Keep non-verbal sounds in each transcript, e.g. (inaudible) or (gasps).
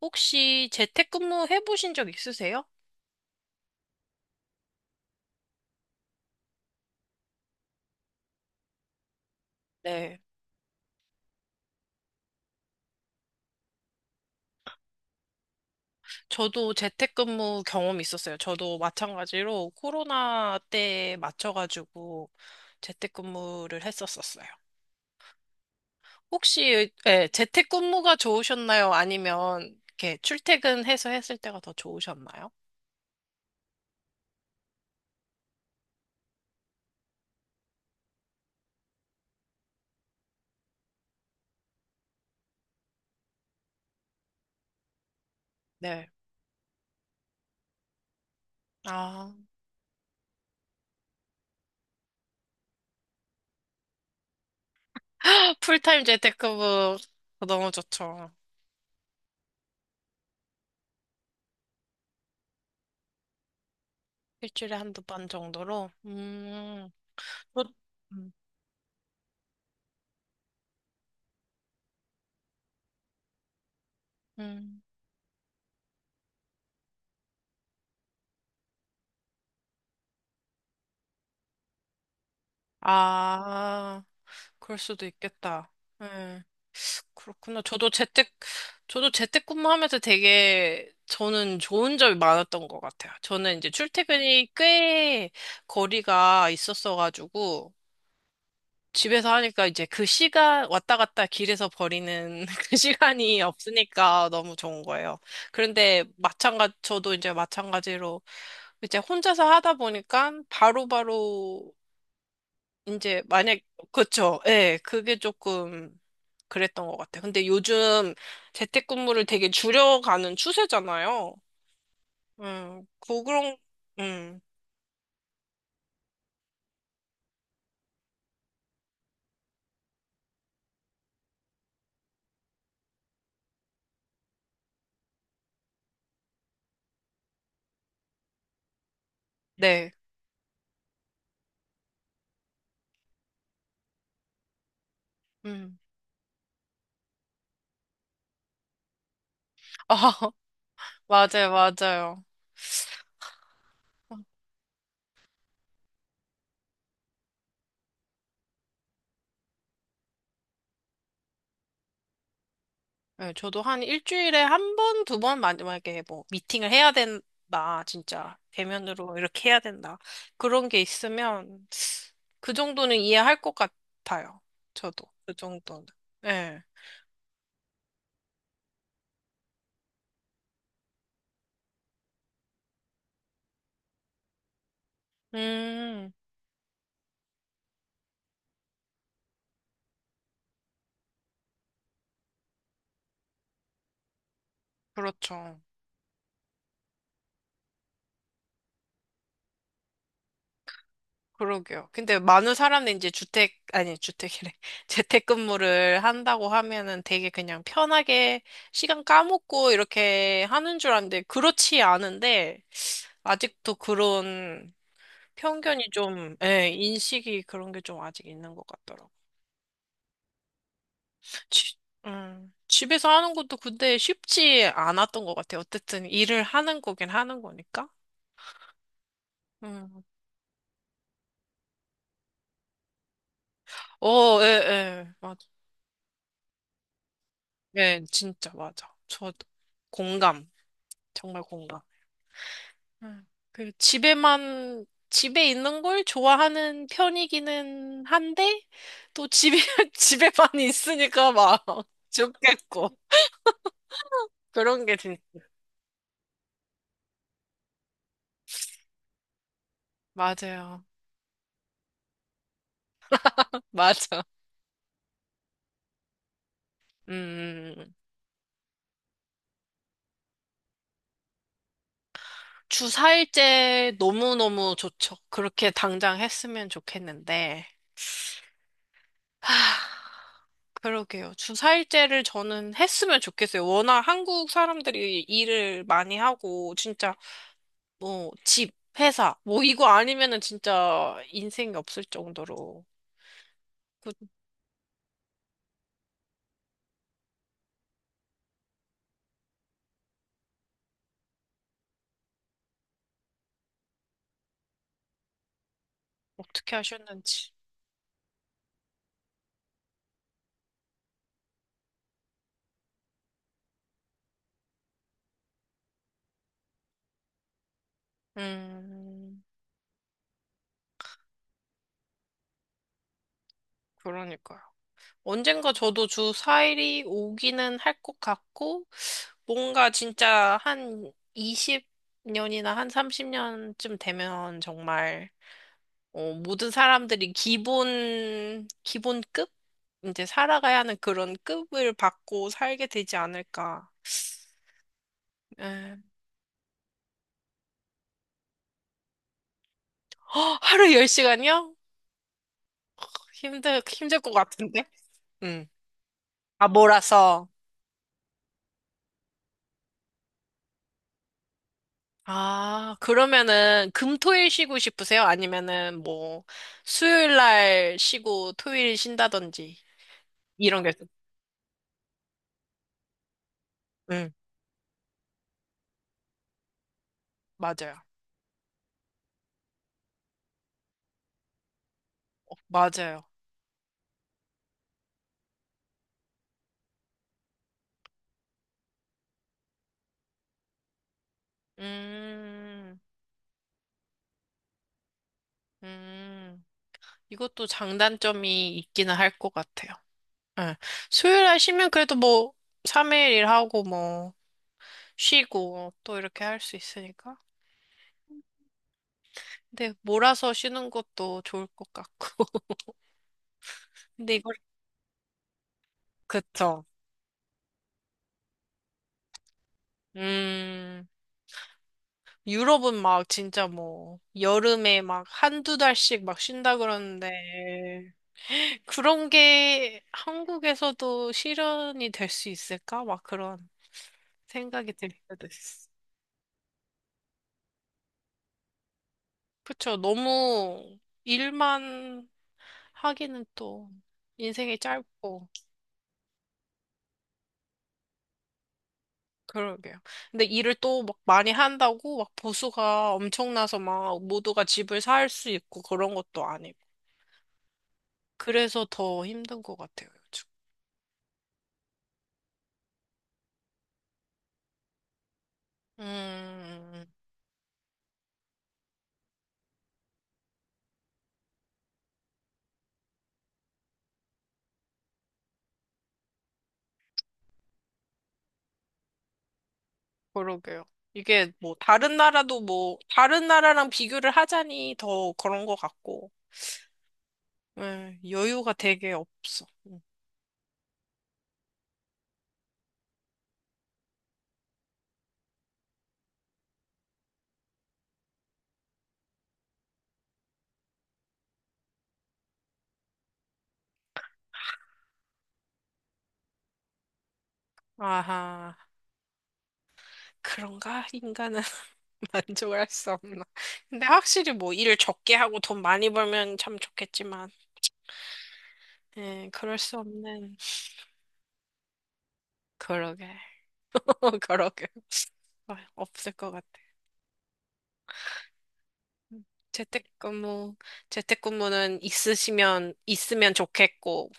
혹시 재택근무 해보신 적 있으세요? 네. 저도 재택근무 경험 있었어요. 저도 마찬가지로 코로나 때 맞춰가지고 재택근무를 했었었어요. 혹시 예, 재택근무가 좋으셨나요? 아니면 이렇게 출퇴근해서 했을 때가 더 좋으셨나요? 네. 아, 풀타임 재택근무 너무 좋죠. 일주일에 한두 번 정도로. 음. 저- 음. 음. 아. 그럴 수도 있겠다. 예, 그렇구나. 저도 재택근무하면서 되게 저는 좋은 점이 많았던 것 같아요. 저는 이제 출퇴근이 꽤 거리가 있었어가지고 집에서 하니까 이제 그 시간 왔다 갔다 길에서 버리는 (laughs) 그 시간이 없으니까 너무 좋은 거예요. 그런데 마찬가지, 저도 이제 마찬가지로 이제 혼자서 하다 보니까 바로바로 이제 만약 그쵸. 예, 그게 조금 그랬던 것 같아. 근데 요즘 재택근무를 되게 줄여가는 추세잖아요. 그런, 음, 네. 음. (laughs) 아, 맞아요, 맞아요. 네, 저도 한 일주일에 한 번, 두 번, 만약에 뭐, 미팅을 해야 된다, 진짜. 대면으로 이렇게 해야 된다. 그런 게 있으면, 그 정도는 이해할 것 같아요. 저도. 그 정도는. 네. 음, 그렇죠. 그러게요. 근데 많은 사람들이 이제 주택, 아니, 주택이래. (laughs) 재택근무를 한다고 하면은 되게 그냥 편하게 시간 까먹고 이렇게 하는 줄 아는데, 그렇지 않은데, 아직도 그런 편견이 좀, 예, 인식이 그런 게 좀 아직 있는 것 같더라고. 집, 집에서 하는 것도 근데 쉽지 않았던 것 같아요. 어쨌든 일을 하는 거긴 하는 거니까. 음. 어, 예, 예, 맞아. 예, 진짜 맞아. 저도 공감. 정말 공감. 음, 그 집에만 집에 있는 걸 좋아하는 편이기는 한데 또 집에 (laughs) 집에만 있으니까 막 좋겠고 그런 게 진- 맞아요. (laughs) 맞아. 음. 음, 음. 주 4일째 너무너무 좋죠. 그렇게 당장 했으면 좋겠는데. 하, 그러게요. 주 4일째를 저는 했으면 좋겠어요. 워낙 한국 사람들이 일을 많이 하고 진짜 뭐, 집, 회사, 뭐, 이거 아니면은 진짜 인생이 없을 정도로. 그, 어떻게 하셨는지. 음, 그러니까요. 언젠가 저도 주 4일이 오기는 할 것 같고, 뭔가 진짜 한 20년이나 한 30년쯤 되면 정말, 어, 모든 사람들이 기본급? 이제 살아가야 하는 그런 급을 받고 살게 되지 않을까. 예. (gasps) 허, 하루 10시간이요? 힘들 것 같은데? 응. 아, 몰아서. 아, 그러면은 금토일 쉬고 싶으세요? 아니면은 뭐 수요일 날 쉬고 토요일 쉰다든지 이런 게. 응, 맞아요. 맞아요. 음, 음. 이것도 장단점이 있기는 할 것 같아요. 응. 수요일 날 쉬면 그래도 뭐 3일 일하고 뭐 쉬고 또 이렇게 할 수 있으니까. 근데 몰아서 쉬는 것도 좋을 것 같고. (laughs) 근데 이걸 그쵸. 음, 유럽은 막 진짜 뭐, 여름에 막 한두 달씩 막 쉰다 그러는데, 그런 게 한국에서도 실현이 될 수 있을까? 막 그런 생각이 들 때도 있어. 그쵸. 너무 일만 하기는 또 인생이 짧고, 그러게요. 근데 일을 또 막 많이 한다고 막 보수가 엄청나서 막 모두가 집을 살 수 있고 그런 것도 아니고 그래서 더 힘든 것 같아요, 요즘. 음, 그러게요. 이게 뭐, 다른 나라도 뭐, 다른 나라랑 비교를 하자니 더 그런 것 같고, 여유가 되게 없어. 음. 아하, 그런가? 인간은 (laughs) 만족할 수 없나. 근데 확실히 뭐, 일을 적게 하고 돈 많이 벌면 참 좋겠지만, 예, 그럴 수 없는. 그러게. (laughs) 그러게. 아, 없을 것 같아. 재택근무, 재택근무는 있으면 좋겠고,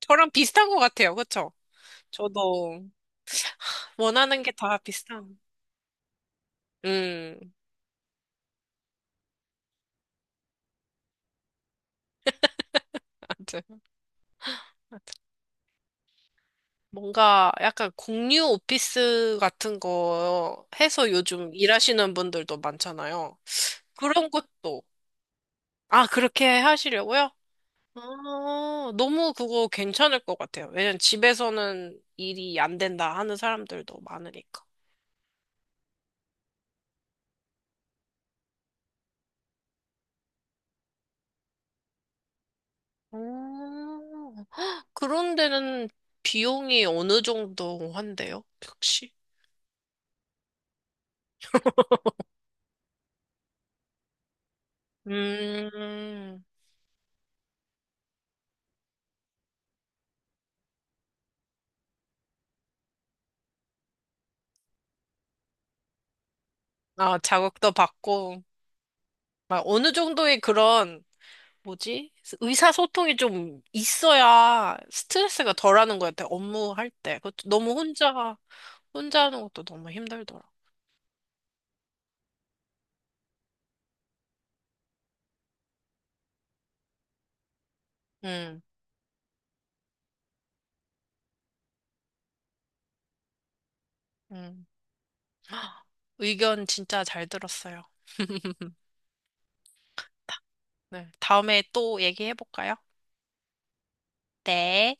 저랑 비슷한 것 같아요. 그쵸? 저도 원하는 게 다 비슷한. 음, 맞아. 뭔가 약간 공유 오피스 같은 거 해서 요즘 일하시는 분들도 많잖아요. 그런 것도. 아, 그렇게 하시려고요? 아, 너무 그거 괜찮을 것 같아요. 왜냐면 집에서는 일이 안 된다 하는 사람들도 많으니까. 음, 그런 데는 비용이 어느 정도 한대요? 혹시? 음, 아, 자극도 받고, 막 어느 정도의 그런, 뭐지? 의사소통이 좀 있어야 스트레스가 덜하는 것 같아, 업무할 때. 그것도 너무 혼자, 혼자 하는 것도 너무 힘들더라. 음, 음. (gasps) 헉, 의견 진짜 잘 들었어요. (laughs) 네, 다음에 또 얘기해볼까요? 네.